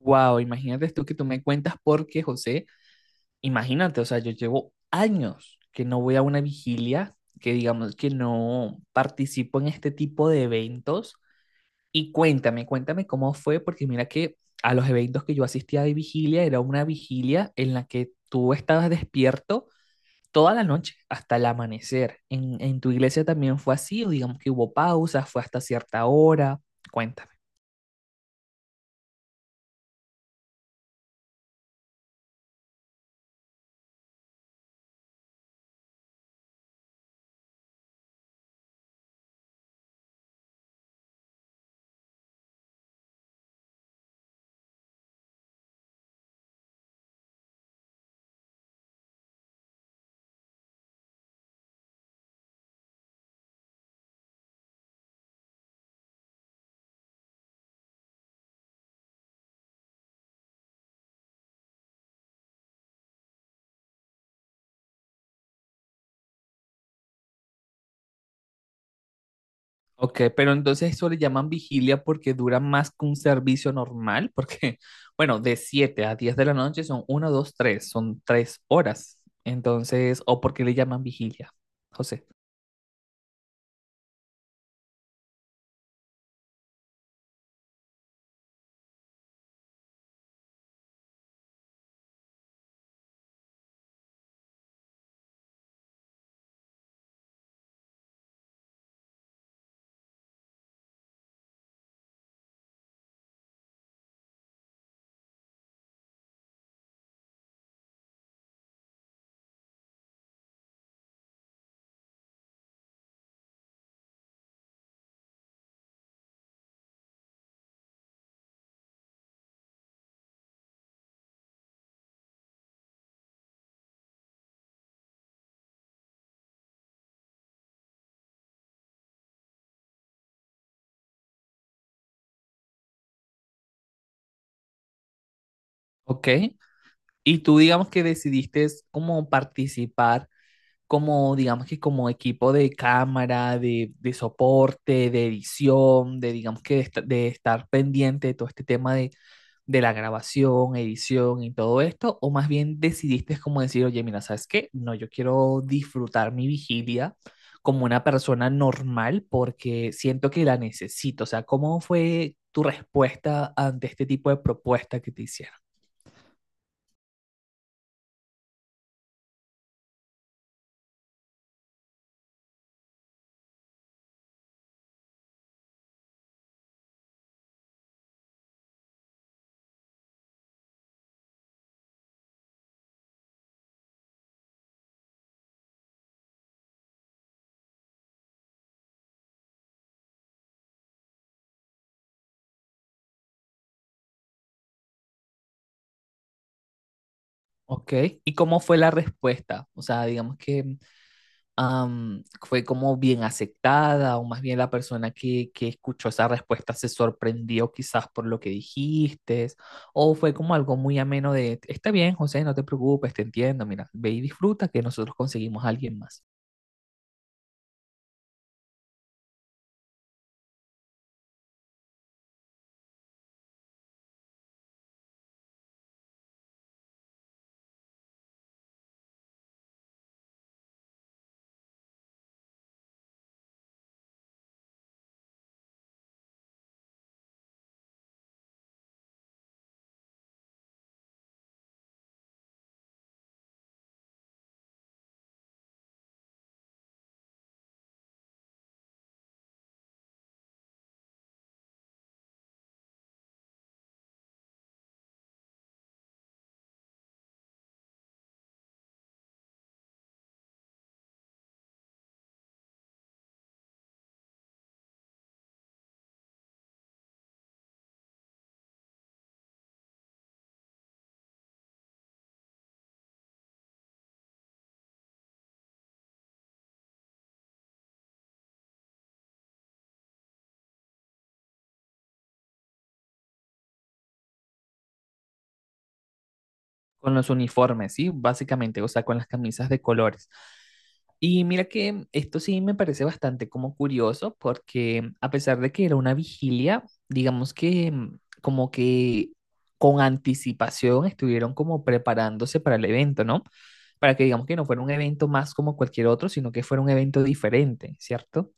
Wow, imagínate esto que tú me cuentas porque, José, imagínate, o sea, yo llevo años que no voy a una vigilia, que digamos que no participo en este tipo de eventos. Y cuéntame, cuéntame cómo fue, porque mira que a los eventos que yo asistía de vigilia era una vigilia en la que tú estabas despierto toda la noche hasta el amanecer. ¿En tu iglesia también fue así o digamos que hubo pausas, fue hasta cierta hora? Cuéntame. Ok, pero entonces eso le llaman vigilia porque dura más que un servicio normal, porque, bueno, de 7 a 10 de la noche son uno 2 3 son 3 horas. Entonces, o porque le llaman vigilia, José. Ok, y tú digamos que decidiste es como participar, como digamos que como equipo de cámara, de soporte, de edición, de digamos de estar pendiente de todo este tema de la grabación, edición y todo esto. ¿O más bien decidiste como decir, oye, mira, ¿sabes qué? No, yo quiero disfrutar mi vigilia como una persona normal porque siento que la necesito. O sea, ¿cómo fue tu respuesta ante este tipo de propuesta que te hicieron? Ok, ¿y cómo fue la respuesta? O sea, digamos que fue como bien aceptada o más bien la persona que escuchó esa respuesta se sorprendió quizás por lo que dijiste o fue como algo muy ameno de, está bien, José, no te preocupes, te entiendo, mira, ve y disfruta que nosotros conseguimos a alguien más. Con los uniformes, ¿sí? Básicamente, o sea, con las camisas de colores. Y mira que esto sí me parece bastante como curioso porque a pesar de que era una vigilia, digamos que como que con anticipación estuvieron como preparándose para el evento, ¿no? Para que digamos que no fuera un evento más como cualquier otro, sino que fuera un evento diferente, ¿cierto?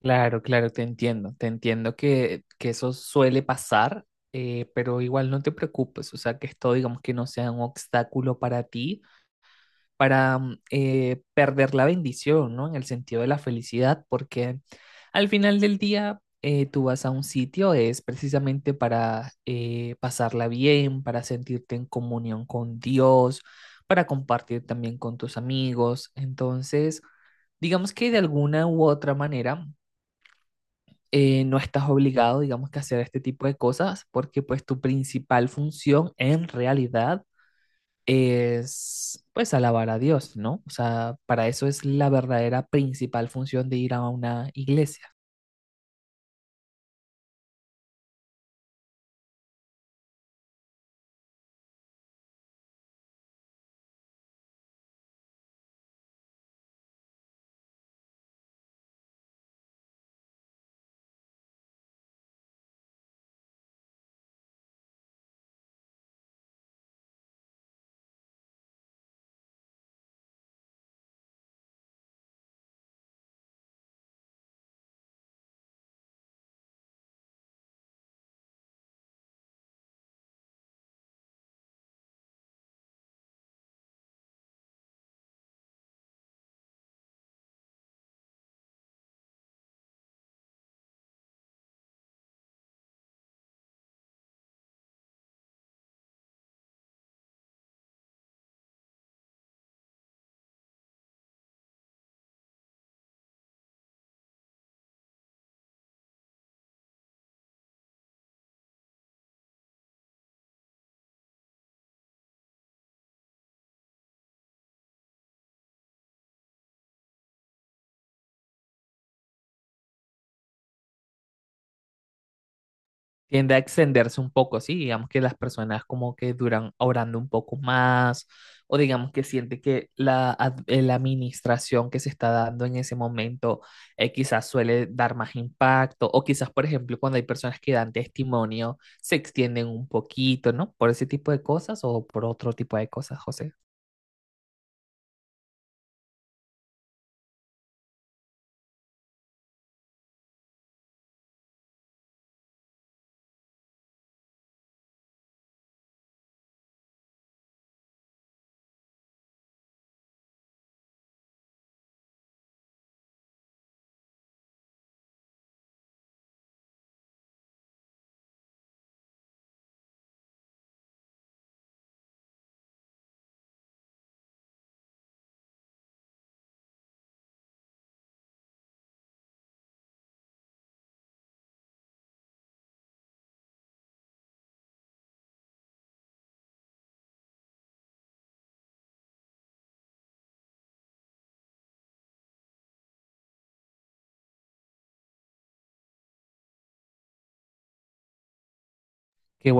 Claro, claro, te entiendo que eso suele pasar, pero igual no te preocupes, o sea, que esto digamos que no sea un obstáculo para ti, para perder la bendición, ¿no? En el sentido de la felicidad, porque al final del día tú vas a un sitio, es precisamente para pasarla bien, para sentirte en comunión con Dios, para compartir también con tus amigos, entonces. Digamos que de alguna u otra manera no estás obligado, digamos, que a hacer este tipo de cosas porque pues tu principal función en realidad es pues alabar a Dios, ¿no? O sea, para eso es la verdadera principal función de ir a una iglesia. Tiende a extenderse un poco, sí, digamos que las personas como que duran orando un poco más, o digamos que siente que la administración que se está dando en ese momento quizás suele dar más impacto, o quizás, por ejemplo, cuando hay personas que dan testimonio, se extienden un poquito, ¿no? Por ese tipo de cosas o por otro tipo de cosas, José. Qué